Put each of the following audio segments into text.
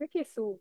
ذكي سو.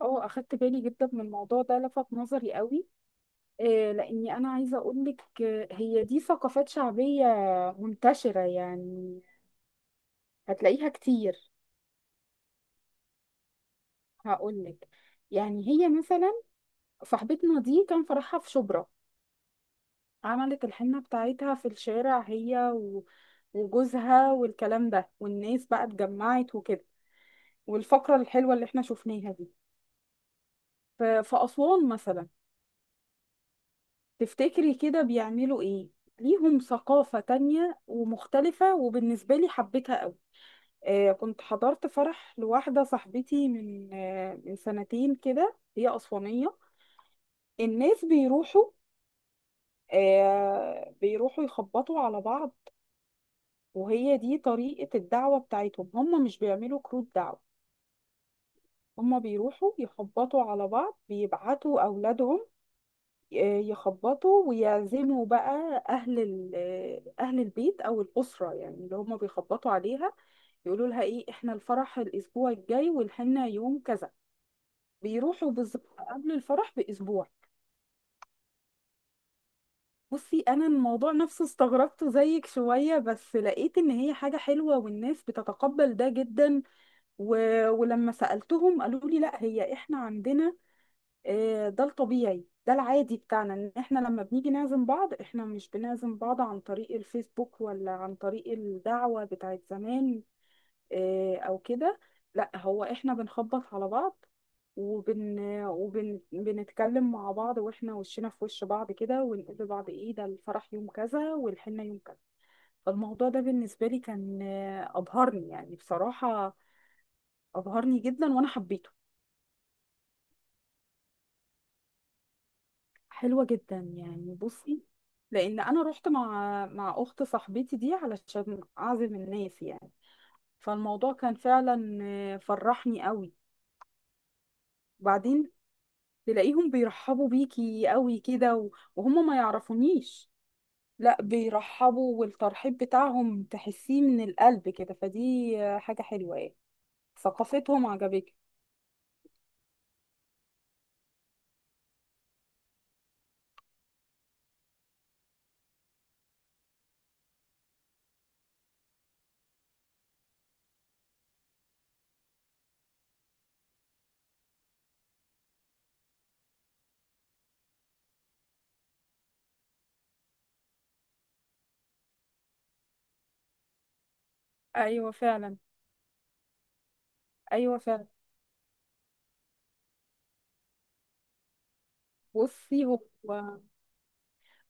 اه اخدت بالي جدا من الموضوع ده، لفت نظري قوي. آه، لاني انا عايزه اقول لك، هي دي ثقافات شعبيه منتشره يعني، هتلاقيها كتير. هقول لك، يعني هي مثلا صاحبتنا دي كان فرحها في شبرا. عملت الحنه بتاعتها في الشارع هي وجوزها والكلام ده، والناس بقى اتجمعت وكده، والفقره الحلوه اللي احنا شفناها دي. في اسوان مثلا تفتكري كده بيعملوا ايه؟ ليهم ثقافة تانية ومختلفة، وبالنسبة لي حبيتها قوي. آه، كنت حضرت فرح لواحدة صاحبتي من من سنتين كده، هي أسوانية. الناس بيروحوا، بيروحوا يخبطوا على بعض. وهي دي طريقة الدعوة بتاعتهم، هم مش بيعملوا كروت دعوة. هم بيروحوا يخبطوا على بعض، بيبعتوا أولادهم يخبطوا ويعزموا بقى أهل أهل البيت أو الأسرة، يعني اللي هما بيخبطوا عليها يقولوا لها إيه، إحنا الفرح الأسبوع الجاي والحنة يوم كذا. بيروحوا بالظبط قبل الفرح بأسبوع. بصي أنا الموضوع نفسه استغربته زيك شوية، بس لقيت إن هي حاجة حلوة والناس بتتقبل ده جدا. و... ولما سألتهم قالوا لي لا، هي إحنا عندنا، ده الطبيعي، ده العادي بتاعنا، ان احنا لما بنيجي نعزم بعض، احنا مش بنعزم بعض عن طريق الفيسبوك ولا عن طريق الدعوة بتاعت زمان. او كده، لا، هو احنا بنخبط على بعض وبن وبنتكلم مع بعض، واحنا وشنا في وش بعض كده، ونقول لبعض ايه، ده الفرح يوم كذا والحنة يوم كذا. فالموضوع ده بالنسبة لي كان أبهرني يعني بصراحة، أبهرني جدا وأنا حبيته. حلوة جدا يعني. بصي، لأن أنا رحت مع أخت صاحبتي دي علشان أعزم الناس يعني. فالموضوع كان فعلا فرحني قوي. وبعدين تلاقيهم بيرحبوا بيكي قوي كده وهم ما يعرفونيش. لا، بيرحبوا، والترحيب بتاعهم تحسيه من القلب كده. فدي حاجة حلوة يعني. ثقافتهم عجبتني. ايوه فعلا. ايوه فعلا. بصي هو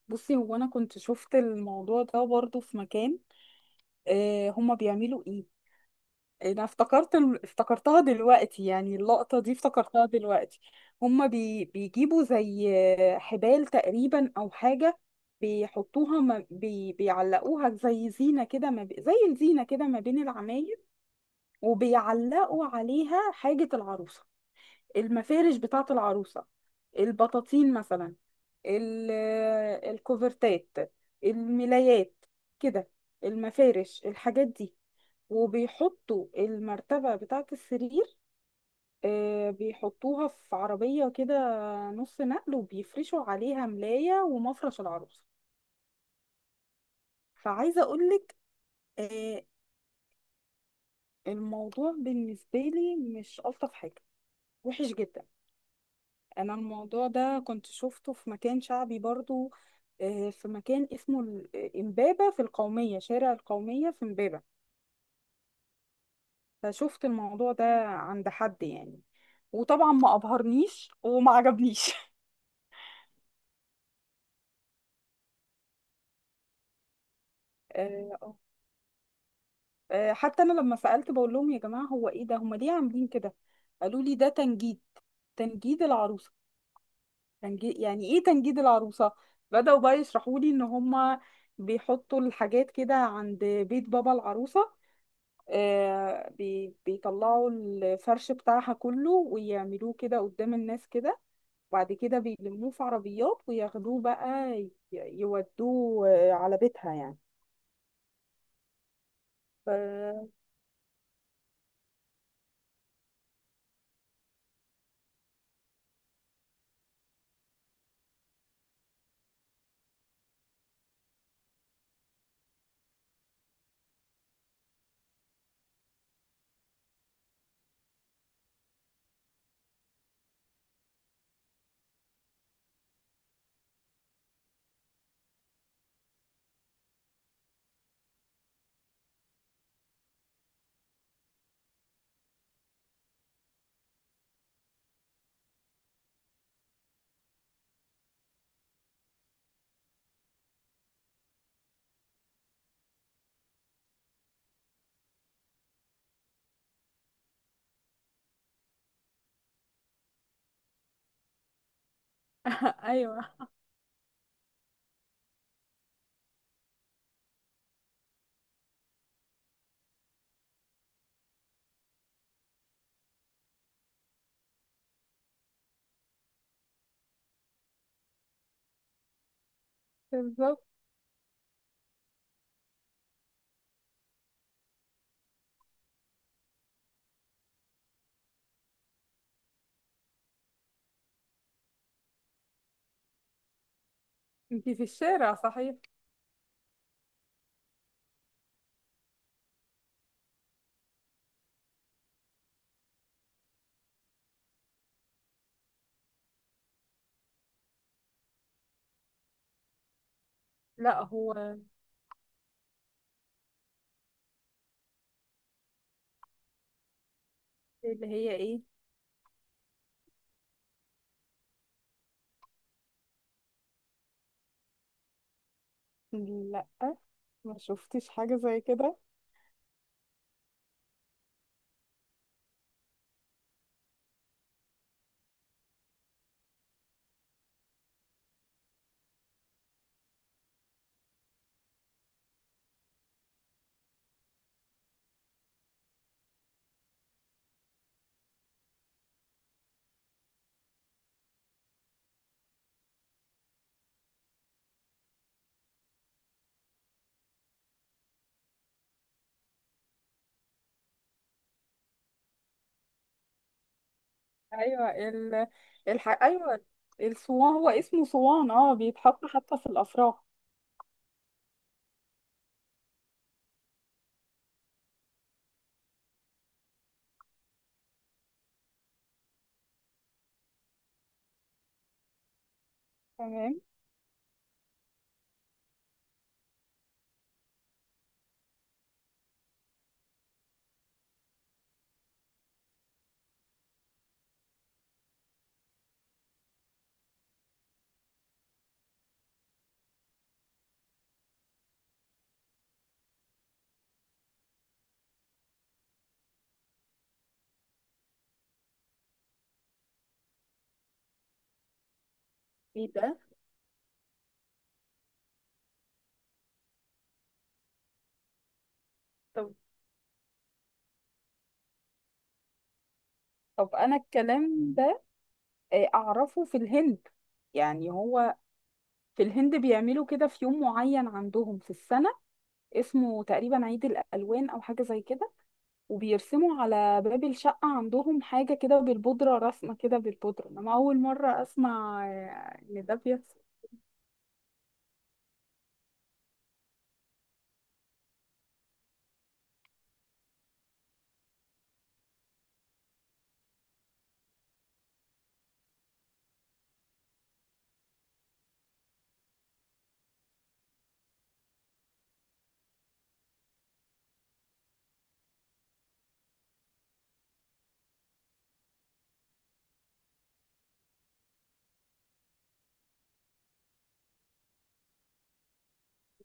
بصي هو انا كنت شفت الموضوع ده برضو في مكان. هما بيعملوا ايه؟ انا افتكرت افتكرتها دلوقتي، يعني اللقطة دي افتكرتها دلوقتي. بيجيبوا زي حبال تقريبا او حاجة. بيحطوها ما... بي... بيعلقوها زي زينة كده، ما... ب... زي الزينة كده ما بين العماير. وبيعلقوا عليها حاجة العروسة، المفارش بتاعة العروسة، البطاطين مثلا، ال... آه، الكوفرتات، الملايات كده، المفارش، الحاجات دي. وبيحطوا المرتبة بتاعة السرير بيحطوها في عربية كده، نص نقل، وبيفرشوا عليها ملاية ومفرش العروسة. فعايزة أقولك آه، الموضوع بالنسبة لي مش ألطف حاجة، وحش جدا. أنا الموضوع ده كنت شفته في مكان شعبي برضو، في مكان اسمه إمبابة، في القومية، شارع القومية في إمبابة. فشفت الموضوع ده عند حد يعني، وطبعا ما أبهرنيش وما عجبنيش. حتى انا لما سألت بقول لهم يا جماعة هو ايه ده، هما ليه عاملين كده؟ قالوا لي ده تنجيد، تنجيد العروسة. تنجيد يعني ايه تنجيد العروسة؟ بدأوا بقى يشرحوا لي ان هما بيحطوا الحاجات كده عند بيت بابا العروسة. بيطلعوا الفرش بتاعها كله ويعملوه كده قدام الناس كده، وبعد كده بيلموه في عربيات وياخدوه بقى يودوه على بيتها يعني. ف... ايوه. بالظبط، انتي في الشارع صحيح. لا هو. اللي هي ايه؟ لا، ما شفتش حاجة زي كده. ايوه ال... ايوه، الصوان، هو اسمه صوان، اه، بيتحط حتى في الافراح. تمام. ايه ده؟ طب، طب انا الكلام ده اعرفه في الهند. يعني هو في الهند بيعملوا كده في يوم معين عندهم في السنة، اسمه تقريبا عيد الالوان او حاجة زي كده. وبيرسموا على باب الشقة عندهم حاجة كده بالبودرة، رسمة كده بالبودرة. أنا أول مرة أسمع إن ده بيحصل.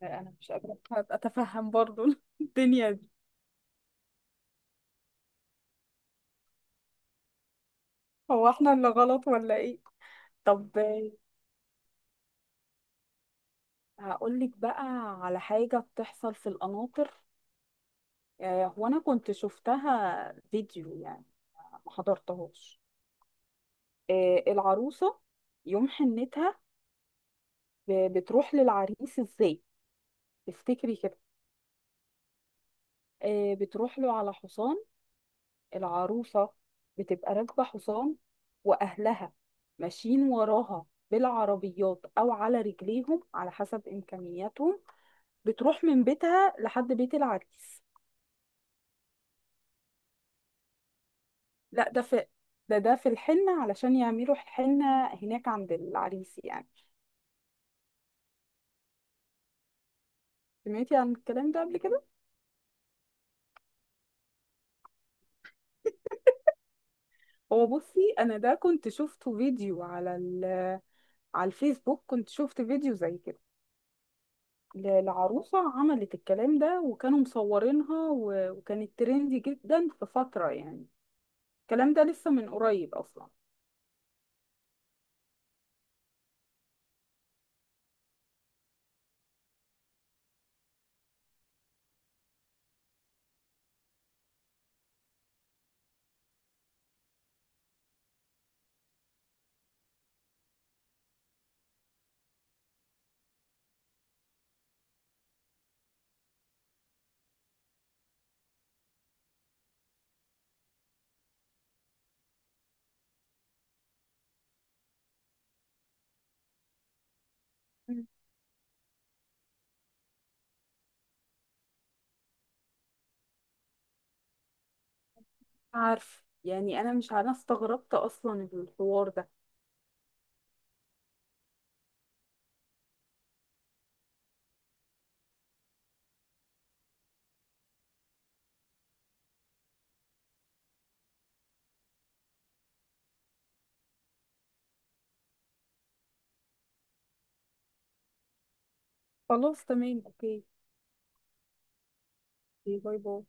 أنا مش قادرة أتفهم برضو الدنيا دي. هو إحنا اللي غلط ولا إيه؟ طب هقولك بقى على حاجة بتحصل في القناطر. هو أنا كنت شفتها فيديو يعني، ما حضرتهاش. العروسة يوم حنتها بتروح للعريس إزاي؟ تفتكري كده؟ بتروح له على حصان. العروسة بتبقى راكبة حصان، وأهلها ماشيين وراها بالعربيات أو على رجليهم على حسب إمكانياتهم، بتروح من بيتها لحد بيت العريس. لا ده في، ده في الحنة علشان يعملوا حنة هناك عند العريس يعني. سمعتي عن الكلام ده قبل كده؟ هو بصي، أنا ده كنت شفته فيديو على على الفيسبوك. كنت شفت فيديو زي كده، العروسة عملت الكلام ده وكانوا مصورينها وكانت ترندي جدا في فترة يعني. الكلام ده لسه من قريب أصلا. مم. عارف يعني، أنا مش أنا استغربت أصلا الحوار ده. خلاص، تمام، أوكي. باي باي.